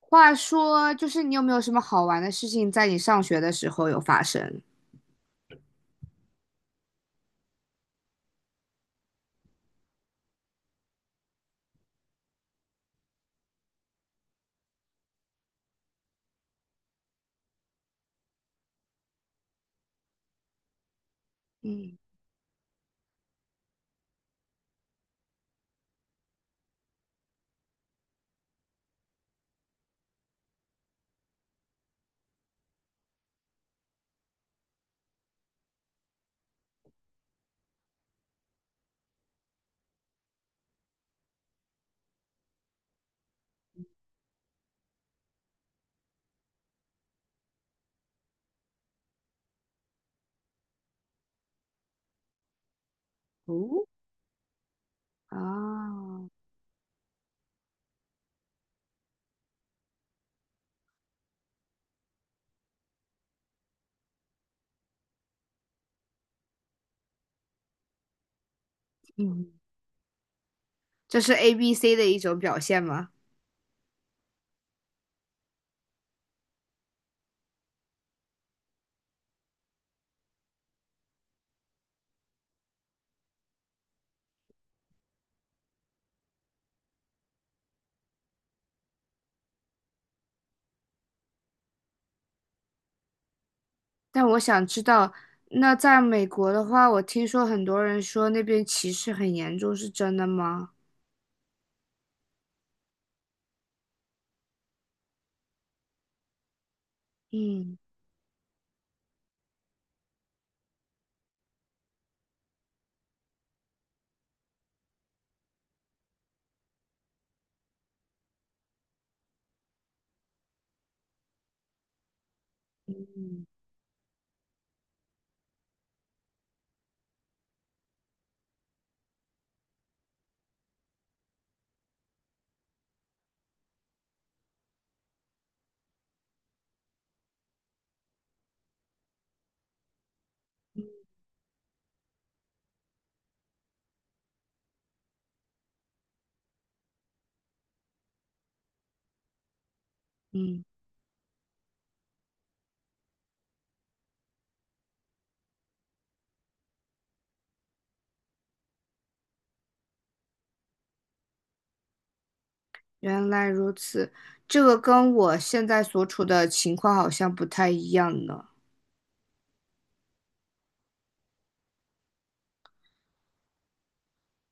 话说，就是你有没有什么好玩的事情在你上学的时候有发生？嗯。哦。啊。嗯，这是 ABC 的一种表现吗？但我想知道，那在美国的话，我听说很多人说那边歧视很严重，是真的吗？嗯。嗯。嗯。原来如此，这个跟我现在所处的情况好像不太一样呢。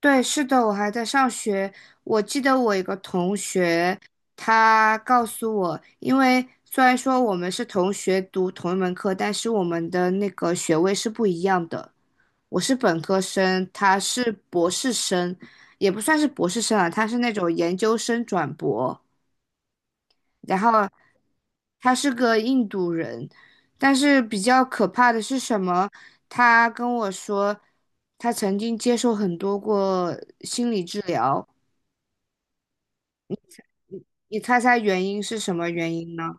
对，是的，我还在上学。我记得我一个同学，他告诉我，因为虽然说我们是同学读同一门课，但是我们的那个学位是不一样的。我是本科生，他是博士生，也不算是博士生啊，他是那种研究生转博。然后他是个印度人，但是比较可怕的是什么？他跟我说，他曾经接受很多过心理治疗，你猜猜原因是什么原因呢？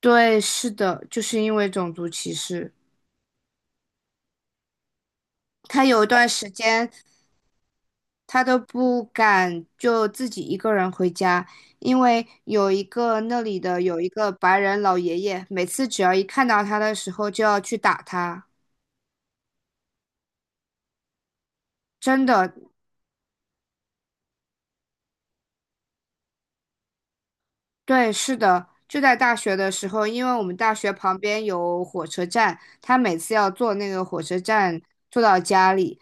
对，是的，就是因为种族歧视。他有一段时间，他都不敢就自己一个人回家，因为有一个那里的有一个白人老爷爷，每次只要一看到他的时候就要去打他，真的。对，是的，就在大学的时候，因为我们大学旁边有火车站，他每次要坐那个火车站坐到家里，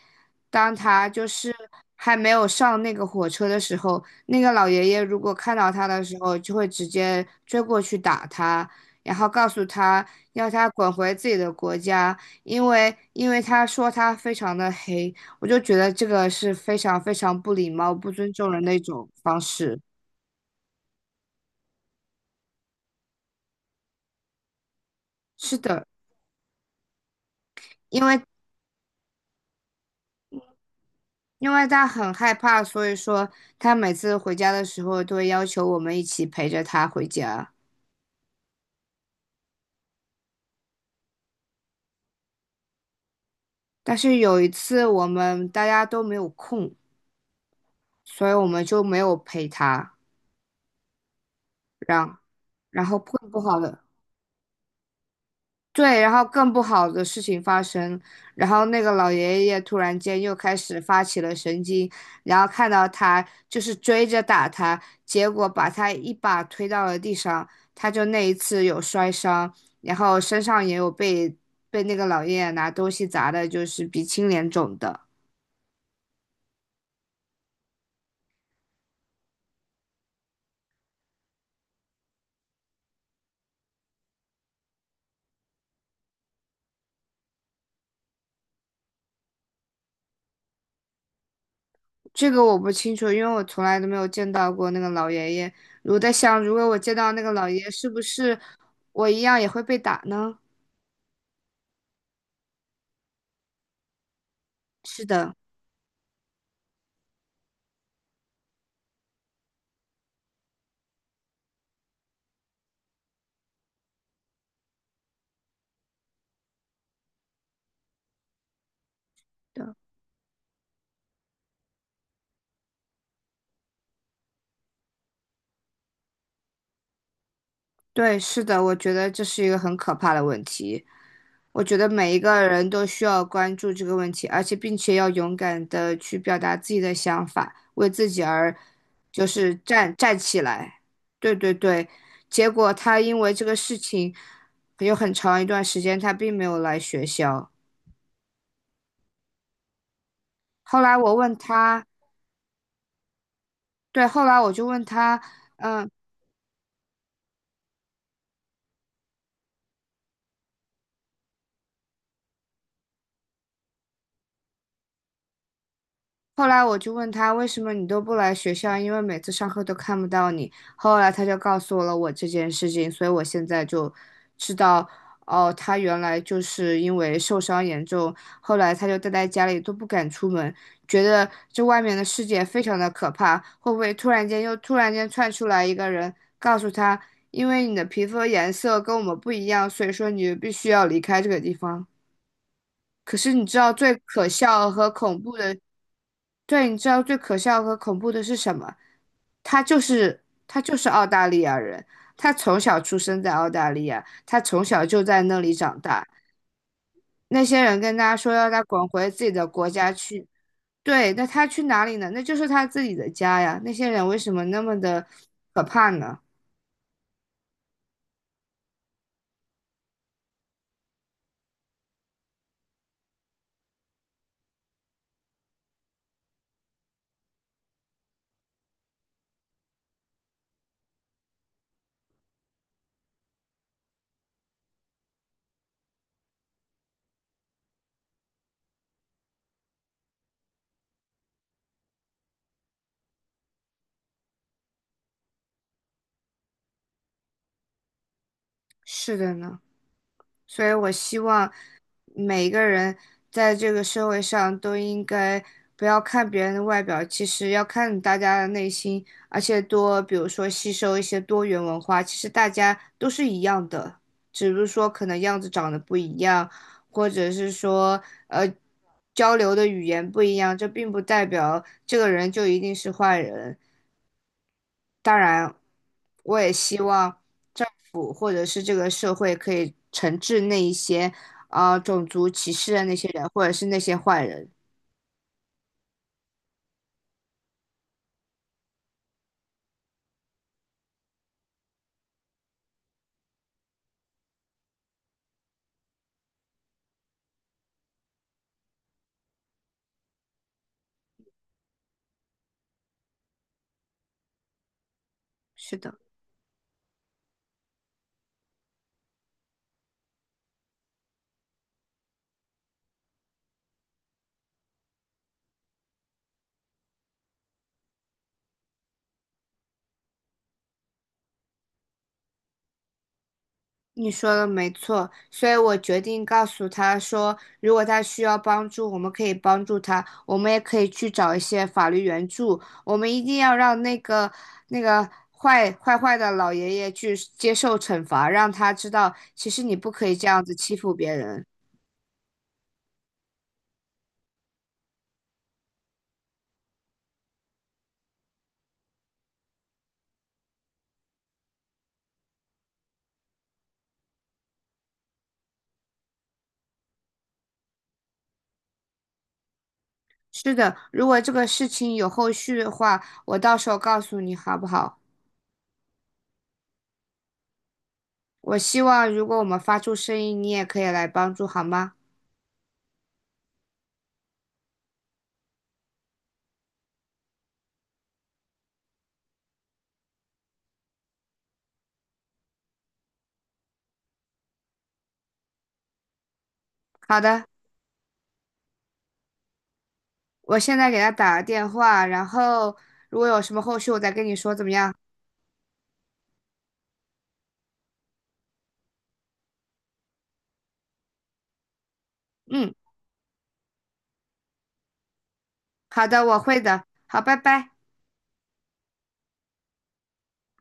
当他就是还没有上那个火车的时候，那个老爷爷如果看到他的时候，就会直接追过去打他，然后告诉他要他滚回自己的国家，因为他说他非常的黑，我就觉得这个是非常非常不礼貌、不尊重人的一种方式。是的。因为因为他很害怕，所以说他每次回家的时候都会要求我们一起陪着他回家。但是有一次我们大家都没有空，所以我们就没有陪他，让然后更不好的。对，然后更不好的事情发生，然后那个老爷爷突然间又开始发起了神经，然后看到他就是追着打他，结果把他一把推到了地上，他就那一次有摔伤，然后身上也有被那个老爷爷拿东西砸的，就是鼻青脸肿的。这个我不清楚，因为我从来都没有见到过那个老爷爷。我在想，如果我见到那个老爷爷，是不是我一样也会被打呢？是的。对，是的，我觉得这是一个很可怕的问题。我觉得每一个人都需要关注这个问题，而且并且要勇敢的去表达自己的想法，为自己而就是站起来。对对对，结果他因为这个事情有很长一段时间他并没有来学校。后来我问他，对，后来我就问他。嗯。后来我就问他为什么你都不来学校，因为每次上课都看不到你。后来他就告诉我了我这件事情，所以我现在就知道，哦，他原来就是因为受伤严重，后来他就待在家里都不敢出门，觉得这外面的世界非常的可怕。会不会突然间又突然间窜出来一个人，告诉他，因为你的皮肤颜色跟我们不一样，所以说你必须要离开这个地方。可是你知道最可笑和恐怖的。对，你知道最可笑和恐怖的是什么？他就是澳大利亚人，他从小出生在澳大利亚，他从小就在那里长大。那些人跟他说要他滚回自己的国家去，对，那他去哪里呢？那就是他自己的家呀。那些人为什么那么的可怕呢？是的呢。所以我希望每一个人在这个社会上都应该不要看别人的外表，其实要看大家的内心，而且多，比如说吸收一些多元文化，其实大家都是一样的，只是说可能样子长得不一样，或者是说呃交流的语言不一样，这并不代表这个人就一定是坏人。当然，我也希望政府或者是这个社会可以惩治那一些种族歧视的那些人，或者是那些坏人。是的，你说的没错，所以我决定告诉他说，如果他需要帮助，我们可以帮助他，我们也可以去找一些法律援助，我们一定要让那个坏的老爷爷去接受惩罚，让他知道其实你不可以这样子欺负别人。是的，如果这个事情有后续的话，我到时候告诉你好不好？我希望如果我们发出声音，你也可以来帮助，好吗？好的，我现在给他打个电话，然后如果有什么后续，我再跟你说怎么样？嗯，好的，我会的。好，拜拜。